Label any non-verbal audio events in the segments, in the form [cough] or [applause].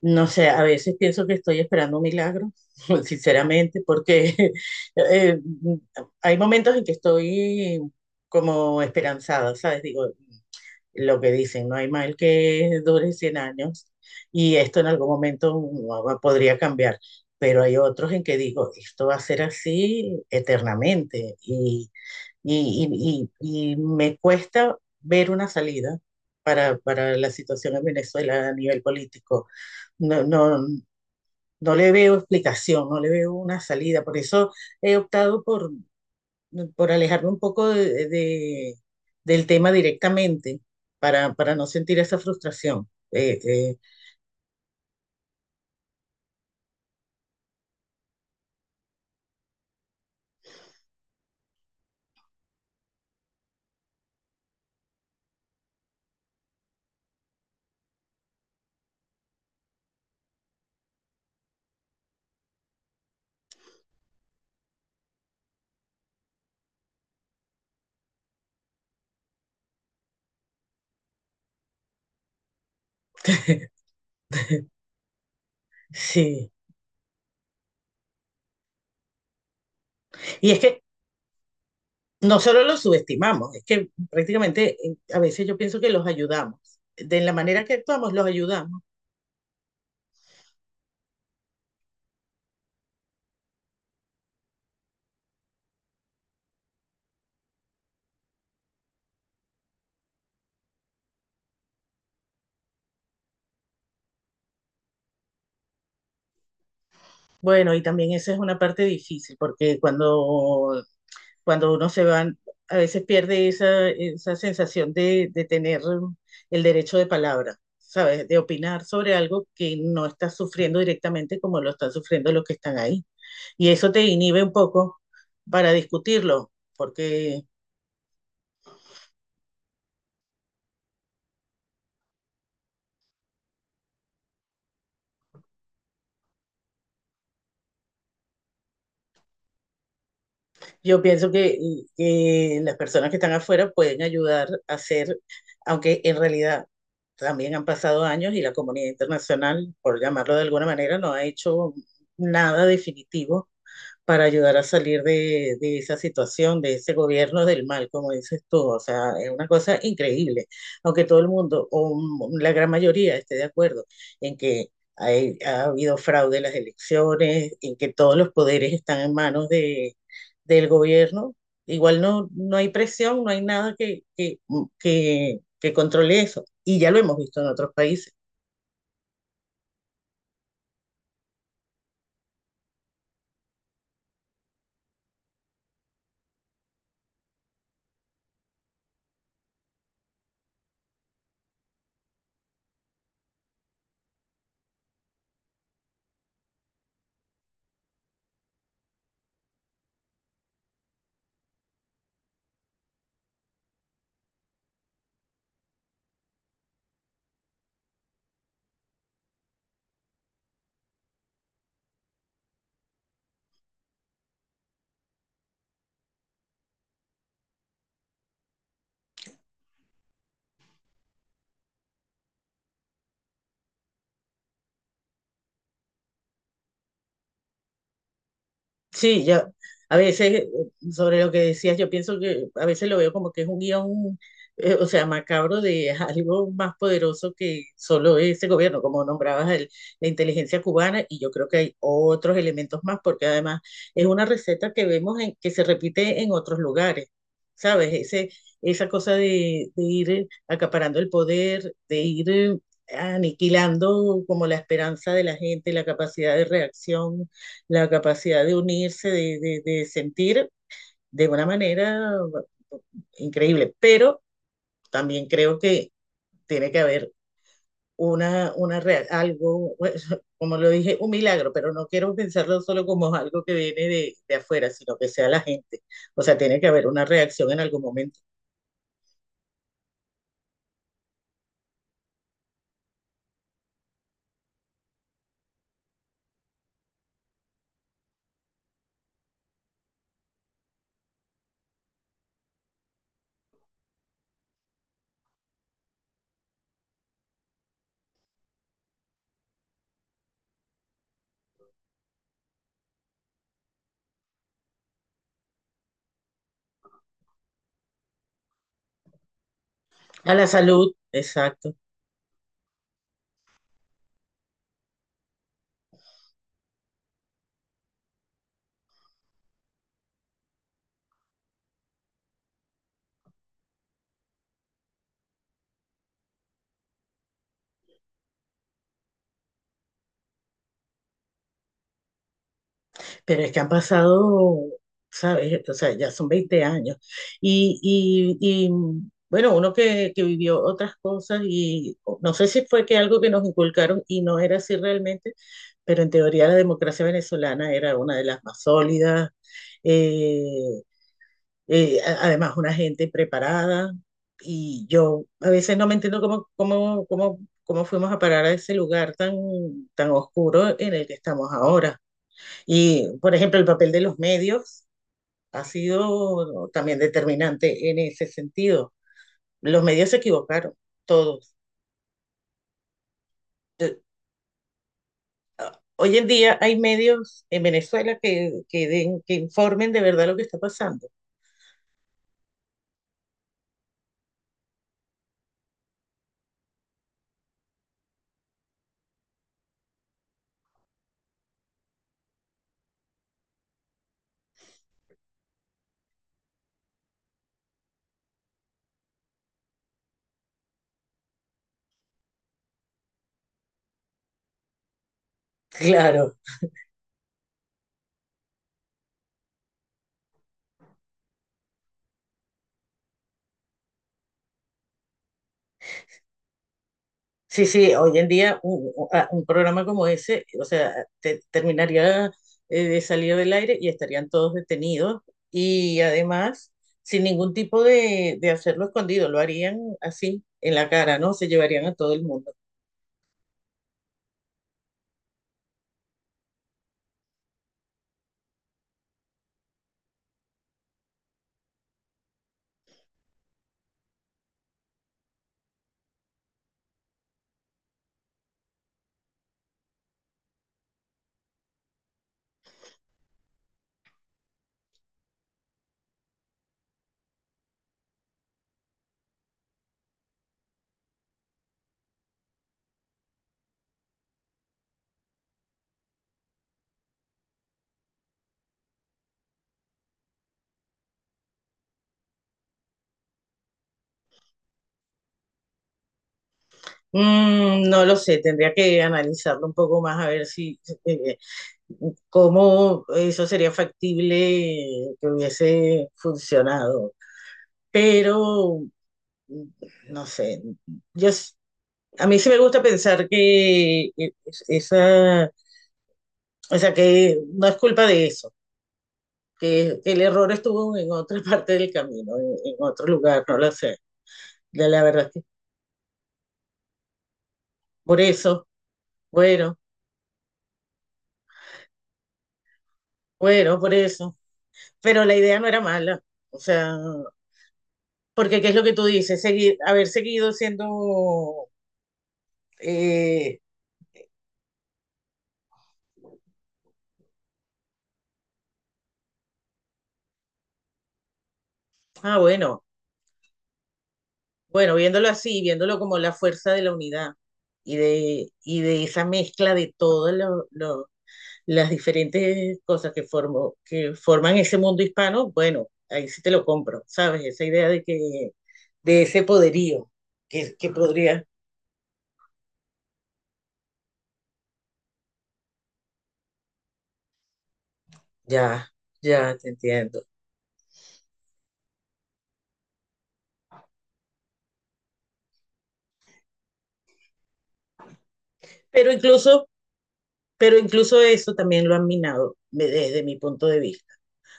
No sé, a veces pienso que estoy esperando un milagro, [laughs] sinceramente, porque [laughs] eh, hay momentos en que estoy como esperanzada, ¿sabes? Digo, lo que dicen, no hay mal que dure 100 años y esto en algún momento podría cambiar, pero hay otros en que digo, esto va a ser así eternamente y me cuesta ver una salida para la situación en Venezuela a nivel político. No, no, no le veo explicación, no le veo una salida. Por eso he optado por alejarme un poco del tema directamente para no sentir esa frustración. [laughs] Sí. Y es que no solo los subestimamos, es que prácticamente a veces yo pienso que los ayudamos. De la manera que actuamos, los ayudamos. Bueno, y también esa es una parte difícil, porque cuando uno se va, a veces pierde esa sensación de tener el derecho de palabra, ¿sabes? De opinar sobre algo que no estás sufriendo directamente como lo están sufriendo los que están ahí. Y eso te inhibe un poco para discutirlo, porque yo pienso que las personas que están afuera pueden ayudar a hacer, aunque en realidad también han pasado años y la comunidad internacional, por llamarlo de alguna manera, no ha hecho nada definitivo para ayudar a salir de esa situación, de ese gobierno del mal, como dices tú. O sea, es una cosa increíble, aunque todo el mundo, o la gran mayoría, esté de acuerdo en que ha habido fraude en las elecciones, en que todos los poderes están en manos del gobierno. Igual no, no hay presión, no hay nada que controle eso. Y ya lo hemos visto en otros países. Sí, yo a veces sobre lo que decías, yo pienso que a veces lo veo como que es un guión, o sea, macabro de [laughs] algo más poderoso que solo ese gobierno, como nombrabas la inteligencia cubana, y yo creo que hay otros elementos más, porque además es una receta que vemos que se repite en otros lugares, ¿sabes? Ese, esa cosa de ir acaparando el poder, de ir aniquilando como la esperanza de la gente, la capacidad de reacción, la capacidad de unirse, de sentir de una manera mm, increíble, pero también creo que tiene que haber una real, algo, pues, [laughs] como lo dije, un milagro, pero no quiero pensarlo solo como algo que viene de afuera, sino que sea la gente. O sea, tiene que haber una reacción en algún momento. A la salud, exacto. Pero es que han pasado, ¿sabes? O sea, ya son 20 años. Y, y, bueno, uno que vivió otras cosas y no sé si fue que algo que nos inculcaron y no era así realmente, pero en teoría la democracia venezolana era una de las más sólidas, eh, además una gente preparada y yo a veces no me entiendo cómo fuimos a parar a ese lugar tan, tan oscuro en el que estamos ahora. Y, por ejemplo, el papel de los medios ha sido también determinante en ese sentido. Los medios se equivocaron, todos. Hoy en día hay medios en Venezuela que informen de verdad lo que está pasando. Claro, sí, sí, hoy en día un programa como ese, o sea, te, terminaría de salir del aire y estarían todos detenidos y además sin ningún tipo de hacerlo escondido, lo harían así en la cara, ¿no? Se llevarían a todo el mundo. No lo sé, tendría que analizarlo un poco más a ver si cómo eso sería factible, que hubiese funcionado. Pero mm, no sé, yo s- a mí sí me gusta pensar que esa, o sea, que no es culpa de eso, que el error estuvo en otra [laughs] parte del camino, en otro lugar, no lo sé. La verdad es que por eso, bueno, bueno, por eso. Pero la idea no era mala, o sea. Porque, ¿qué es lo que tú dices? Seguir, haber seguido siendo, eh, ah, bueno, bueno, viéndolo así, viéndolo como la fuerza de la unidad y de esa mezcla de todas las diferentes cosas que, formo que forman ese mundo hispano, bueno, ahí sí te lo compro, ¿sabes? Esa idea de que, de ese poderío que podría, ya, ya te entiendo. Pero incluso, pero incluso eso también lo han minado desde mi punto de vista.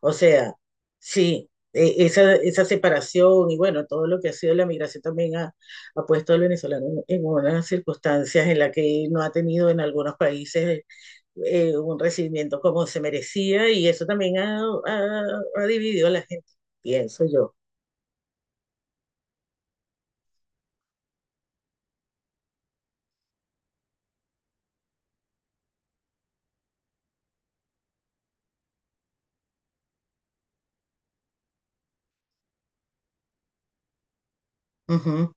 O sea, sí, esa, esa separación y bueno, todo lo que ha sido la migración también ha, ha puesto al venezolano en unas circunstancias en las que no ha tenido en algunos países un recibimiento como se merecía y eso también ha- ha dividido a la gente, pienso yo. Ujú.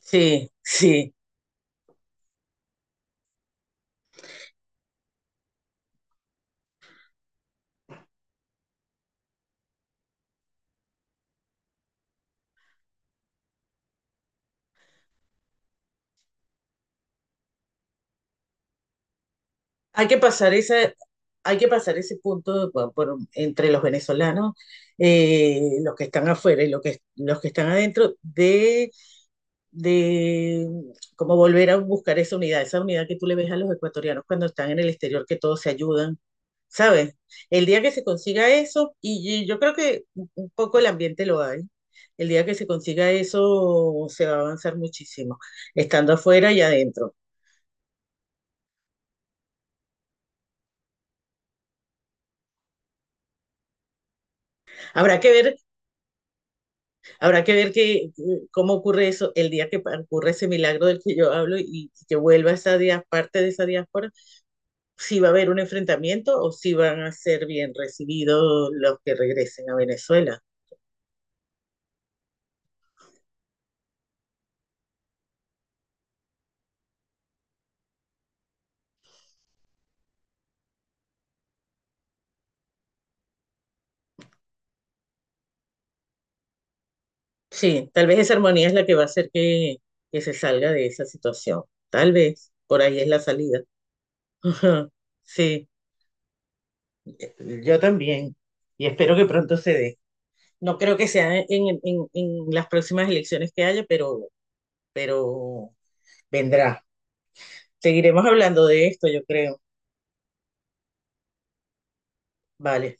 Sí, sí. Hay que pasar esa, hay que pasar ese punto entre los venezolanos, los que están afuera y los que están adentro, de cómo volver a buscar esa unidad que tú le ves a los ecuatorianos cuando están en el exterior, que todos se ayudan, ¿sabes? El día que se consiga eso, y yo creo que un poco el ambiente lo hay, el día que se consiga eso se va a avanzar muchísimo, estando afuera y adentro. Habrá que ver, habrá que ver que, cómo ocurre eso el día que ocurre ese milagro del que yo hablo y que vuelva esa parte de esa diáspora, si va a haber un enfrentamiento o si van a ser bien recibidos los que regresen a Venezuela. Sí, tal vez esa armonía es la que va a hacer que se salga de esa situación. Tal vez, por ahí es la salida. [laughs] Sí, yo también. Y espero que pronto se dé. No creo que sea en en las próximas elecciones que haya, pero vendrá. Seguiremos hablando de esto, yo creo. Vale.